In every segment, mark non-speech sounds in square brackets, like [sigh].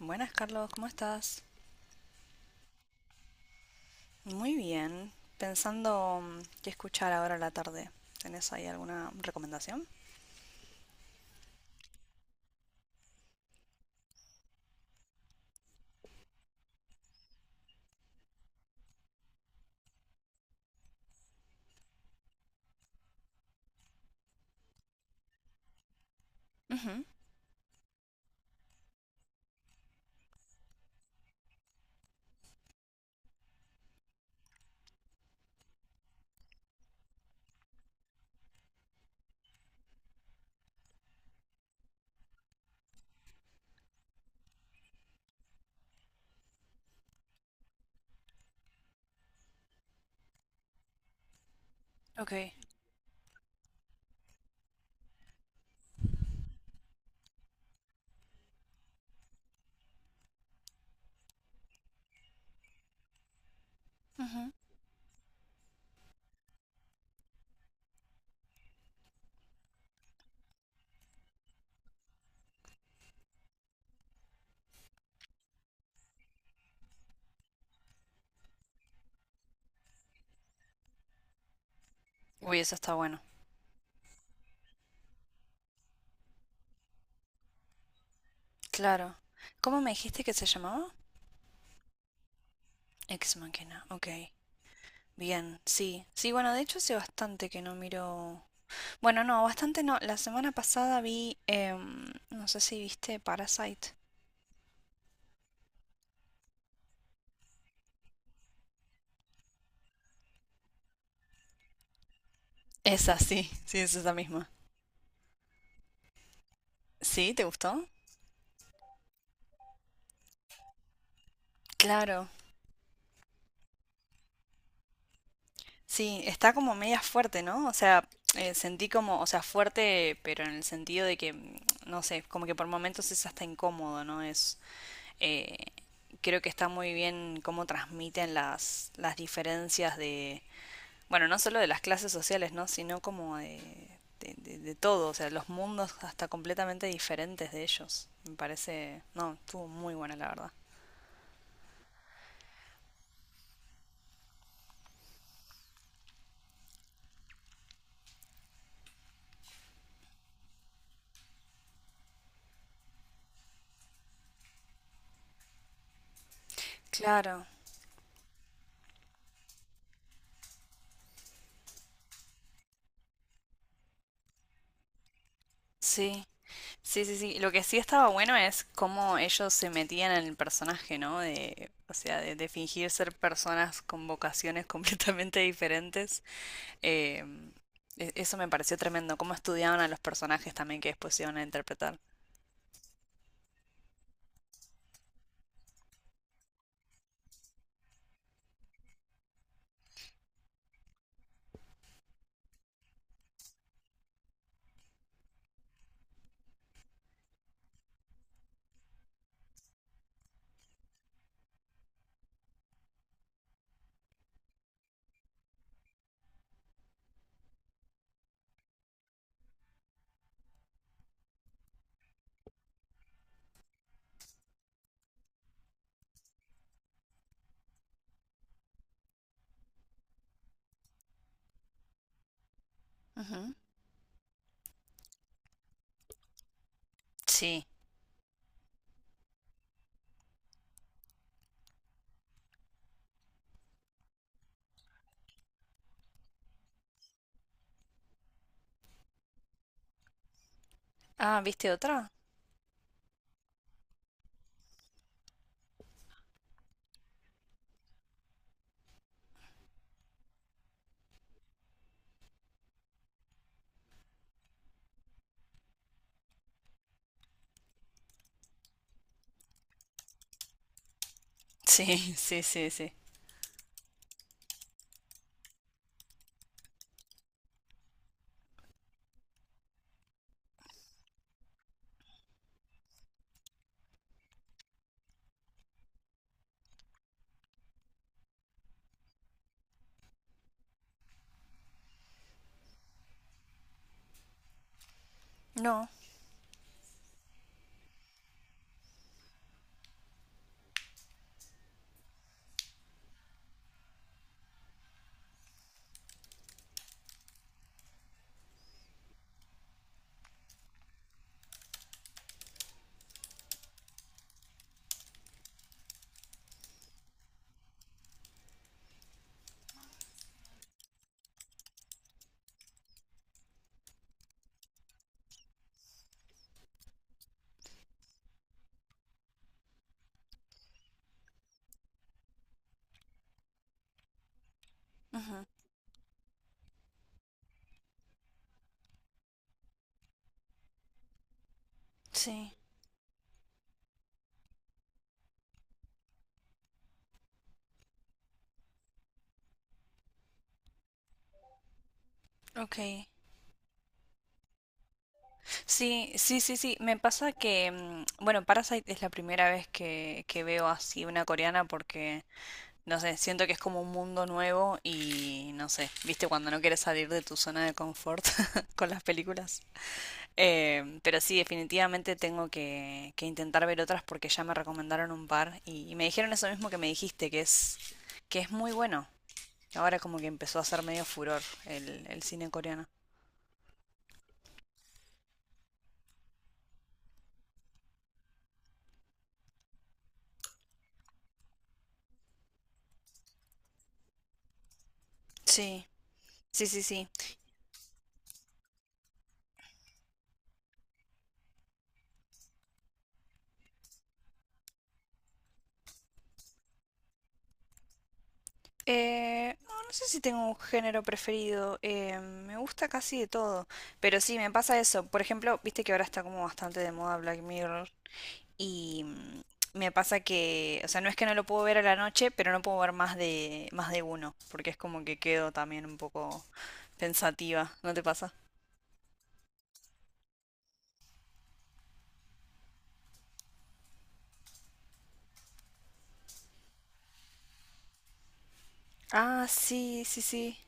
Buenas, Carlos, ¿cómo estás? Muy bien. Pensando qué escuchar ahora a la tarde. ¿Tenés ahí alguna recomendación? Ujú. Ok. Ujú. Uy, eso está bueno. Claro. ¿Cómo me dijiste que se llamaba? Ex Machina. Ok. Bien, sí. Sí, bueno, de hecho hace bastante que no miro... Bueno, no, bastante no. La semana pasada vi... no sé si viste Parasite. Esa, sí. Sí, es esa misma. ¿Sí? ¿Te gustó? Claro. Sí, está como media fuerte, ¿no? O sea, sentí como, o sea, fuerte, pero en el sentido de que, no sé, como que por momentos es hasta incómodo, ¿no? Eh, creo que está muy bien cómo transmiten las diferencias de, bueno, no solo de las clases sociales, ¿no? Sino como de, de todo, o sea, los mundos hasta completamente diferentes de ellos. Me parece, no, estuvo muy buena, la verdad. Claro, sí. Sí, sí, sí. Lo que sí estaba bueno es cómo ellos se metían en el personaje, ¿no? De, o sea, de fingir ser personas con vocaciones [laughs] completamente diferentes. Eh, eso me pareció tremendo. Cómo estudiaban a los personajes también que después se iban a interpretar. Ujú. Sí. Ah, ¿viste otra? Sí, [laughs] sí, sí, sí. No. Ujú. Sí. Ok. Sí, sí, sí, sí. Me pasa que, bueno, Parasite es la primera vez que veo así una coreana porque no sé, siento que es como un mundo nuevo y no sé, viste cuando no quieres salir de tu zona de confort [laughs] con las películas. Pero sí, definitivamente tengo que intentar ver otras porque ya me recomendaron un par y me dijeron eso mismo que me dijiste, que es muy bueno. Ahora como que empezó a ser medio furor el cine coreano. Sí, sí, sí, sí. No, no sé si tengo un género preferido. Eh, me gusta casi de todo. Pero sí, me pasa eso. Por ejemplo, viste que ahora está como bastante de moda Black Mirror. Y me pasa que, o sea, no es que no lo puedo ver a la noche, pero no puedo ver más de uno. Porque es como que quedo también un poco pensativa. ¿No te pasa? Ah, sí, sí, sí.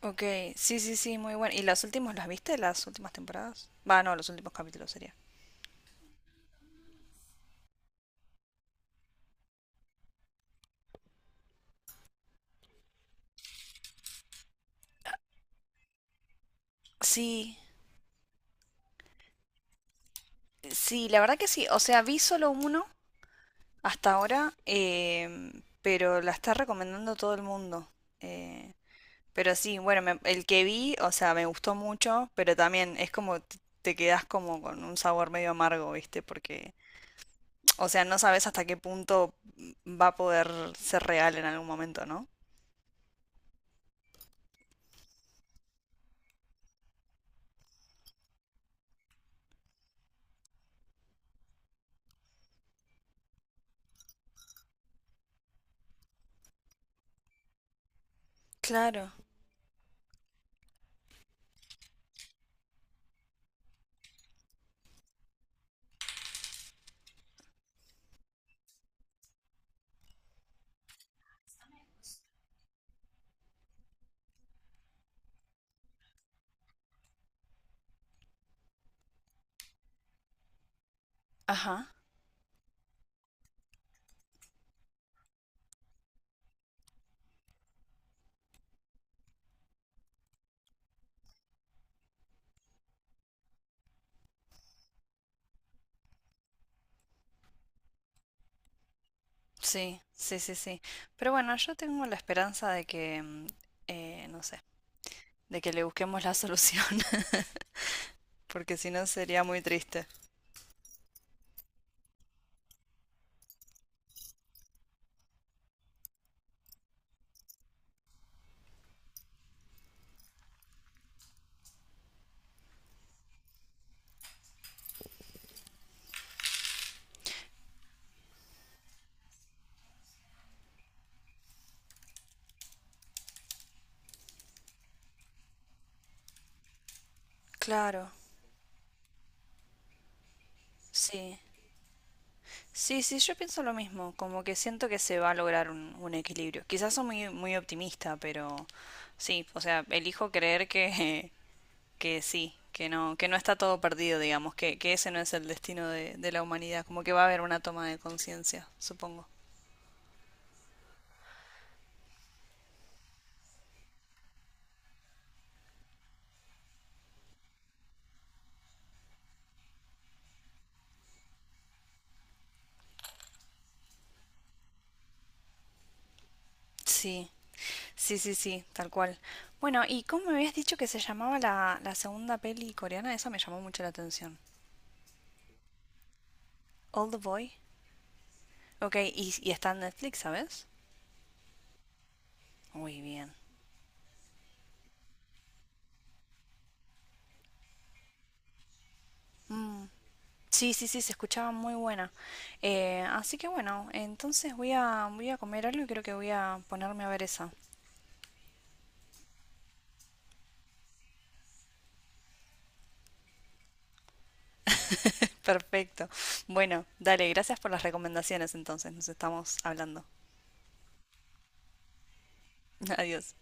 Ok, sí, sí, sí, muy bueno. ¿Y las últimas las viste? ¿Las últimas temporadas? Va, no, los últimos capítulos sería. Sí, sí, la verdad que sí. O sea, vi solo uno hasta ahora, pero la está recomendando todo el mundo. Eh, pero sí, bueno, el que vi, o sea, me gustó mucho, pero también es como te quedas como con un sabor medio amargo, ¿viste? Porque, o sea, no sabes hasta qué punto va a poder ser real en algún momento, ¿no? Claro, ajá, sí, sí, sí, sí. Pero bueno, yo tengo la esperanza de que, no sé, de que le busquemos la solución, [laughs] porque si no sería muy triste. Claro, sí. Sí, sí, yo pienso lo mismo, como que siento que se va a lograr un equilibrio. Quizás soy muy, muy optimista, pero sí, o sea, elijo creer que, [laughs] que sí, que no está todo perdido, digamos, que ese no es el destino de la humanidad, como que va a haber una toma de conciencia, supongo. Sí, sí, sí, sí, tal cual. Bueno, ¿y cómo me habías dicho que se llamaba la segunda peli coreana? Esa me llamó mucho la atención. Old Boy. Ok, y está en Netflix, ¿sabes? Muy bien. Sí, sí, sí, se escuchaba muy buena. Así que bueno, entonces voy a, voy a comer algo y creo que voy a ponerme a ver esa. [laughs] Perfecto. Bueno, dale, gracias por las recomendaciones entonces. Nos estamos hablando. [laughs] Adiós.